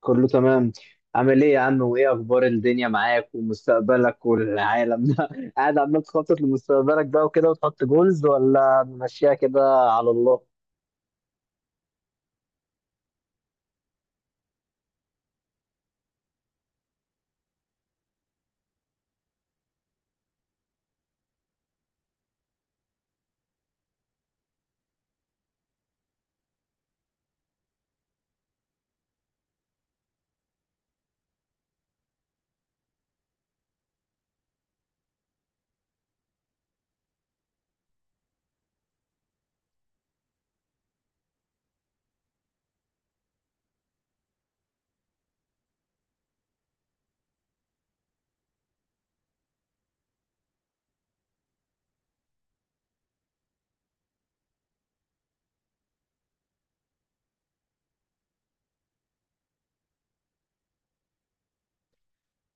كله تمام. عامل ايه يا عم وايه اخبار الدنيا معاك ومستقبلك والعالم ده قاعد عمال تخطط لمستقبلك بقى وكده وتحط جولز ولا ماشيها كده؟ على الله.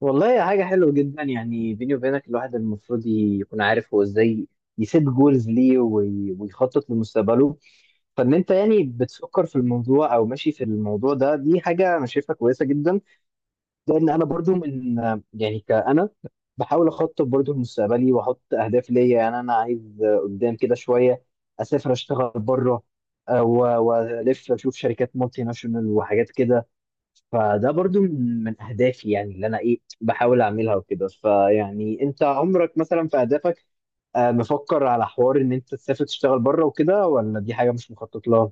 والله هي حاجة حلوة جدا، يعني بيني وبينك الواحد المفروض يكون عارف هو ازاي يسيب جولز ليه ويخطط لمستقبله. فان انت يعني بتفكر في الموضوع او ماشي في الموضوع ده، دي حاجة انا شايفها كويسة جدا. لان انا برضو من، يعني كأنا بحاول اخطط برضو لمستقبلي واحط اهداف ليا. يعني انا عايز قدام كده شويه اسافر اشتغل بره، والف اشوف شركات مالتي ناشونال وحاجات كده. فده برضو من اهدافي، يعني اللي انا ايه بحاول اعملها وكده. فيعني انت عمرك مثلا في اهدافك مفكر على حوار ان انت تسافر تشتغل بره وكده، ولا دي حاجه مش مخطط لها؟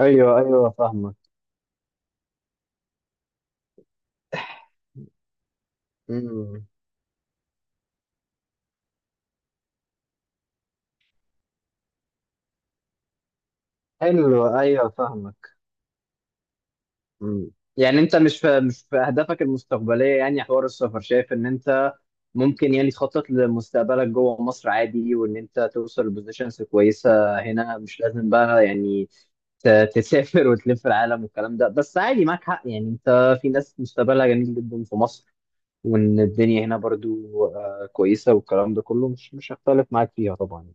ايوه فاهمك. امم. حلو، ايوه فاهمك. مم. يعني انت مش في اهدافك المستقبليه، يعني حوار السفر، شايف ان انت ممكن يعني تخطط لمستقبلك جوه مصر عادي، وان انت توصل لبوزيشنز كويسه هنا، مش لازم بقى يعني تسافر وتلف العالم والكلام ده. بس عادي معاك حق، يعني انت في ناس مستقبلها جميل جدا في مصر، وان الدنيا هنا برضو كويسه والكلام ده كله، مش هختلف معاك فيها طبعا.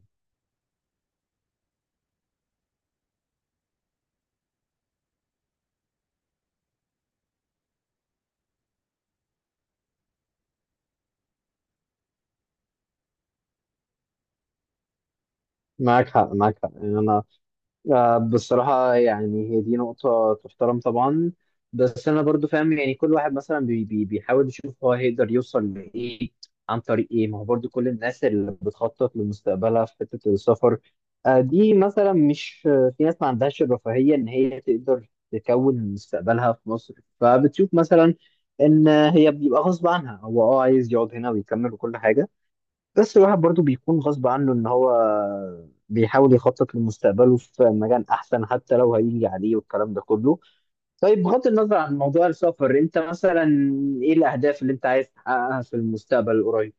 معاك حق يعني انا، بصراحة يعني هي دي نقطة تحترم طبعا. بس أنا برضو فاهم، يعني كل واحد مثلا بي بي بيحاول يشوف هو هيقدر يوصل لإيه عن طريق إيه. ما هو برضو كل الناس اللي بتخطط لمستقبلها في حتة السفر دي مثلا، مش آه، في ناس ما عندهاش الرفاهية إن هي تقدر تكون مستقبلها في مصر. فبتشوف مثلا إن هي بيبقى غصب عنها، هو أه عايز يقعد هنا ويكمل وكل حاجة. بس الواحد برضو بيكون غصب عنه ان هو بيحاول يخطط لمستقبله في مجال احسن حتى لو هيجي عليه والكلام ده كله. طيب بغض النظر عن موضوع السفر، انت مثلا ايه الاهداف اللي انت عايز تحققها في المستقبل القريب؟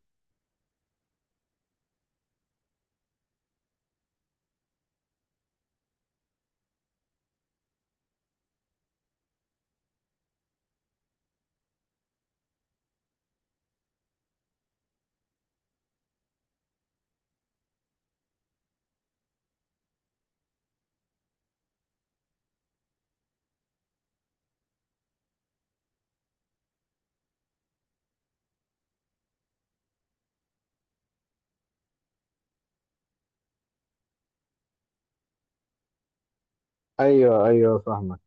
ايوه فاهمك.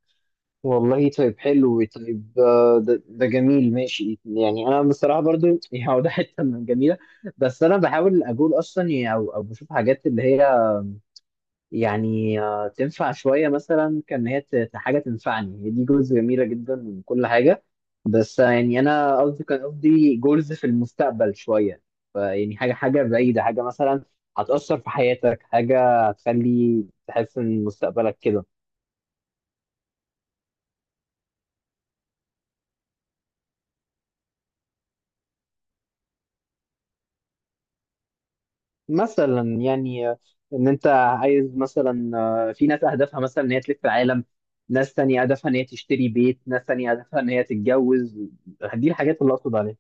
والله طيب حلو، طيب ده جميل، ماشي. يعني انا بصراحه برضو يعني هو ده حته من جميله. بس انا بحاول اقول اصلا يعني او او بشوف حاجات اللي هي يعني تنفع شوية، مثلا كان هي حاجة تنفعني. هي دي جولز جميلة جدا من كل حاجة، بس يعني أنا قصدي، كان قصدي جولز في المستقبل شوية. فيعني حاجة بعيدة، حاجة مثلا هتأثر في حياتك، حاجة هتخلي تحس إن مستقبلك كده. مثلا يعني إن أنت عايز مثلا في ناس أهدافها مثلا إن هي تلف العالم، ناس تانية هدفها إن هي تشتري بيت، ناس تانية هدفها إن هي تتجوز. دي الحاجات اللي أقصد عليها.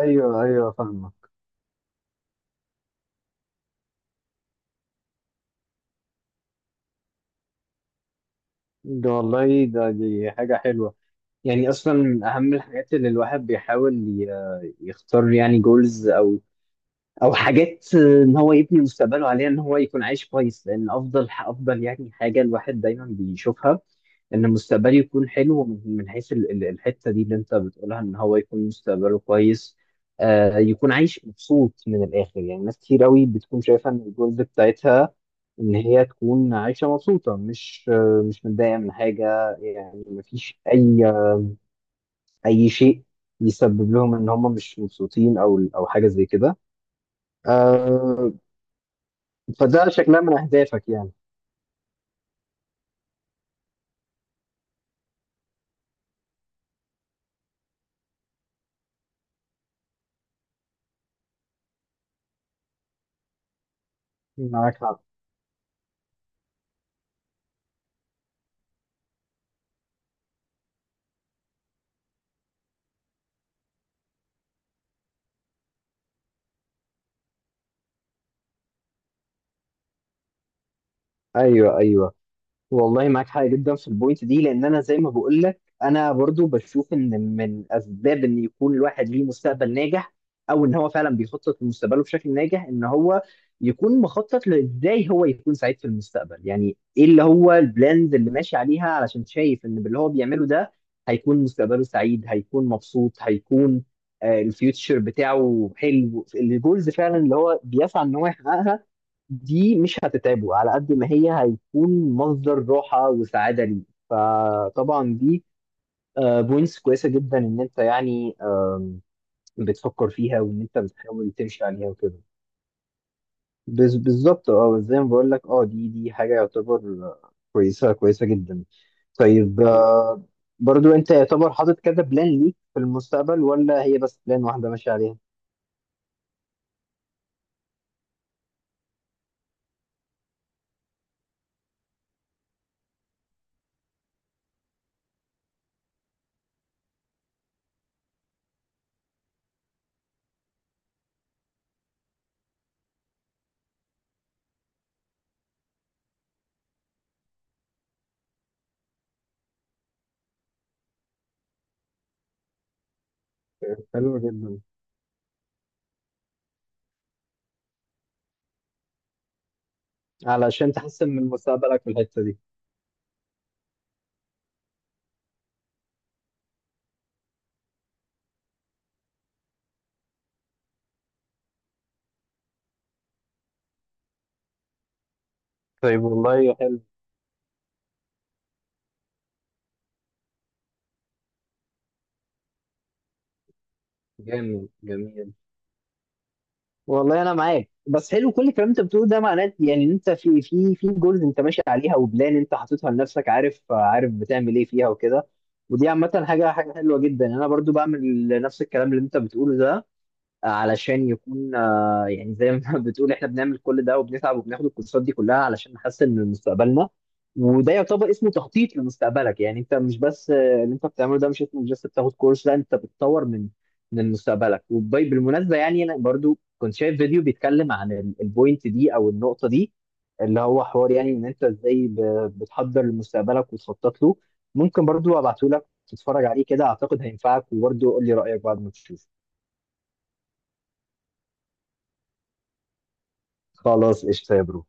ايوه ايوه فاهمة. ده والله، ده دي حاجة حلوة. يعني أصلا من أهم الحاجات اللي الواحد بيحاول يختار يعني جولز، أو أو حاجات إن هو يبني مستقبله عليها، إن هو يكون عايش كويس. لأن أفضل يعني حاجة الواحد دايما بيشوفها إن مستقبله يكون حلو، من حيث الحتة دي اللي أنت بتقولها، إن هو يكون مستقبله كويس. آه، يكون عايش مبسوط من الآخر. يعني ناس كتير أوي بتكون شايفة إن الجولز بتاعتها ان هي تكون عايشه مبسوطه، مش متضايقه من حاجه، يعني مفيش اي شيء يسبب لهم ان هم مش مبسوطين او او حاجه زي كده. آه. فده شكلها من اهدافك يعني. معاك حق. ايوه ايوه. والله معاك حق جدا في البوينت دي. لان انا زي ما بقول لك، انا برضو بشوف ان من اسباب ان يكون الواحد ليه مستقبل ناجح، او ان هو فعلا بيخطط لمستقبله بشكل ناجح، ان هو يكون مخطط لازاي هو يكون سعيد في المستقبل. يعني ايه اللي هو البلاند اللي ماشي عليها علشان شايف ان باللي هو بيعمله ده هيكون مستقبله سعيد، هيكون مبسوط، هيكون الفيوتشر بتاعه حلو. الجولز فعلا اللي هو بيسعى ان هو يحققها دي مش هتتعبه على قد ما هي هيكون مصدر راحة وسعادة ليه. فطبعا دي بوينتس كويسة جدا ان انت يعني بتفكر فيها، وان انت بتحاول تمشي عليها وكده. بالظبط، اه زي ما بقول لك. اه دي دي حاجة يعتبر كويسة جدا. طيب برضو انت يعتبر حاطط كذا بلان ليك في المستقبل، ولا هي بس بلان واحدة ماشي عليها؟ حلو جدا. علشان تحسن من مستقبلك في الحتة دي. طيب والله حلو. جامد، جميل. والله انا معاك، بس حلو كل الكلام انت بتقوله ده. معناه يعني ان انت في في جولز انت ماشي عليها، وبلان انت حاططها لنفسك، عارف عارف بتعمل ايه فيها وكده. ودي عامه حاجه حلوه جدا. انا برضو بعمل نفس الكلام اللي انت بتقوله ده، علشان يكون يعني زي ما بتقول احنا بنعمل كل ده وبنتعب وبناخد الكورسات دي كلها علشان نحسن من مستقبلنا. وده يعتبر اسمه تخطيط لمستقبلك. يعني انت مش بس اللي انت بتعمله ده مش اسمه بس بتاخد كورس، لا انت بتطور من من مستقبلك. وبالمناسبة يعني انا برضو كنت شايف فيديو بيتكلم عن البوينت دي او النقطة دي، اللي هو حوار يعني ان انت ازاي بتحضر لمستقبلك وتخطط له. ممكن برضو ابعته لك تتفرج عليه كده، اعتقد هينفعك، وبرضو قول لي رأيك بعد ما تشوفه. خلاص قشطة يا برو.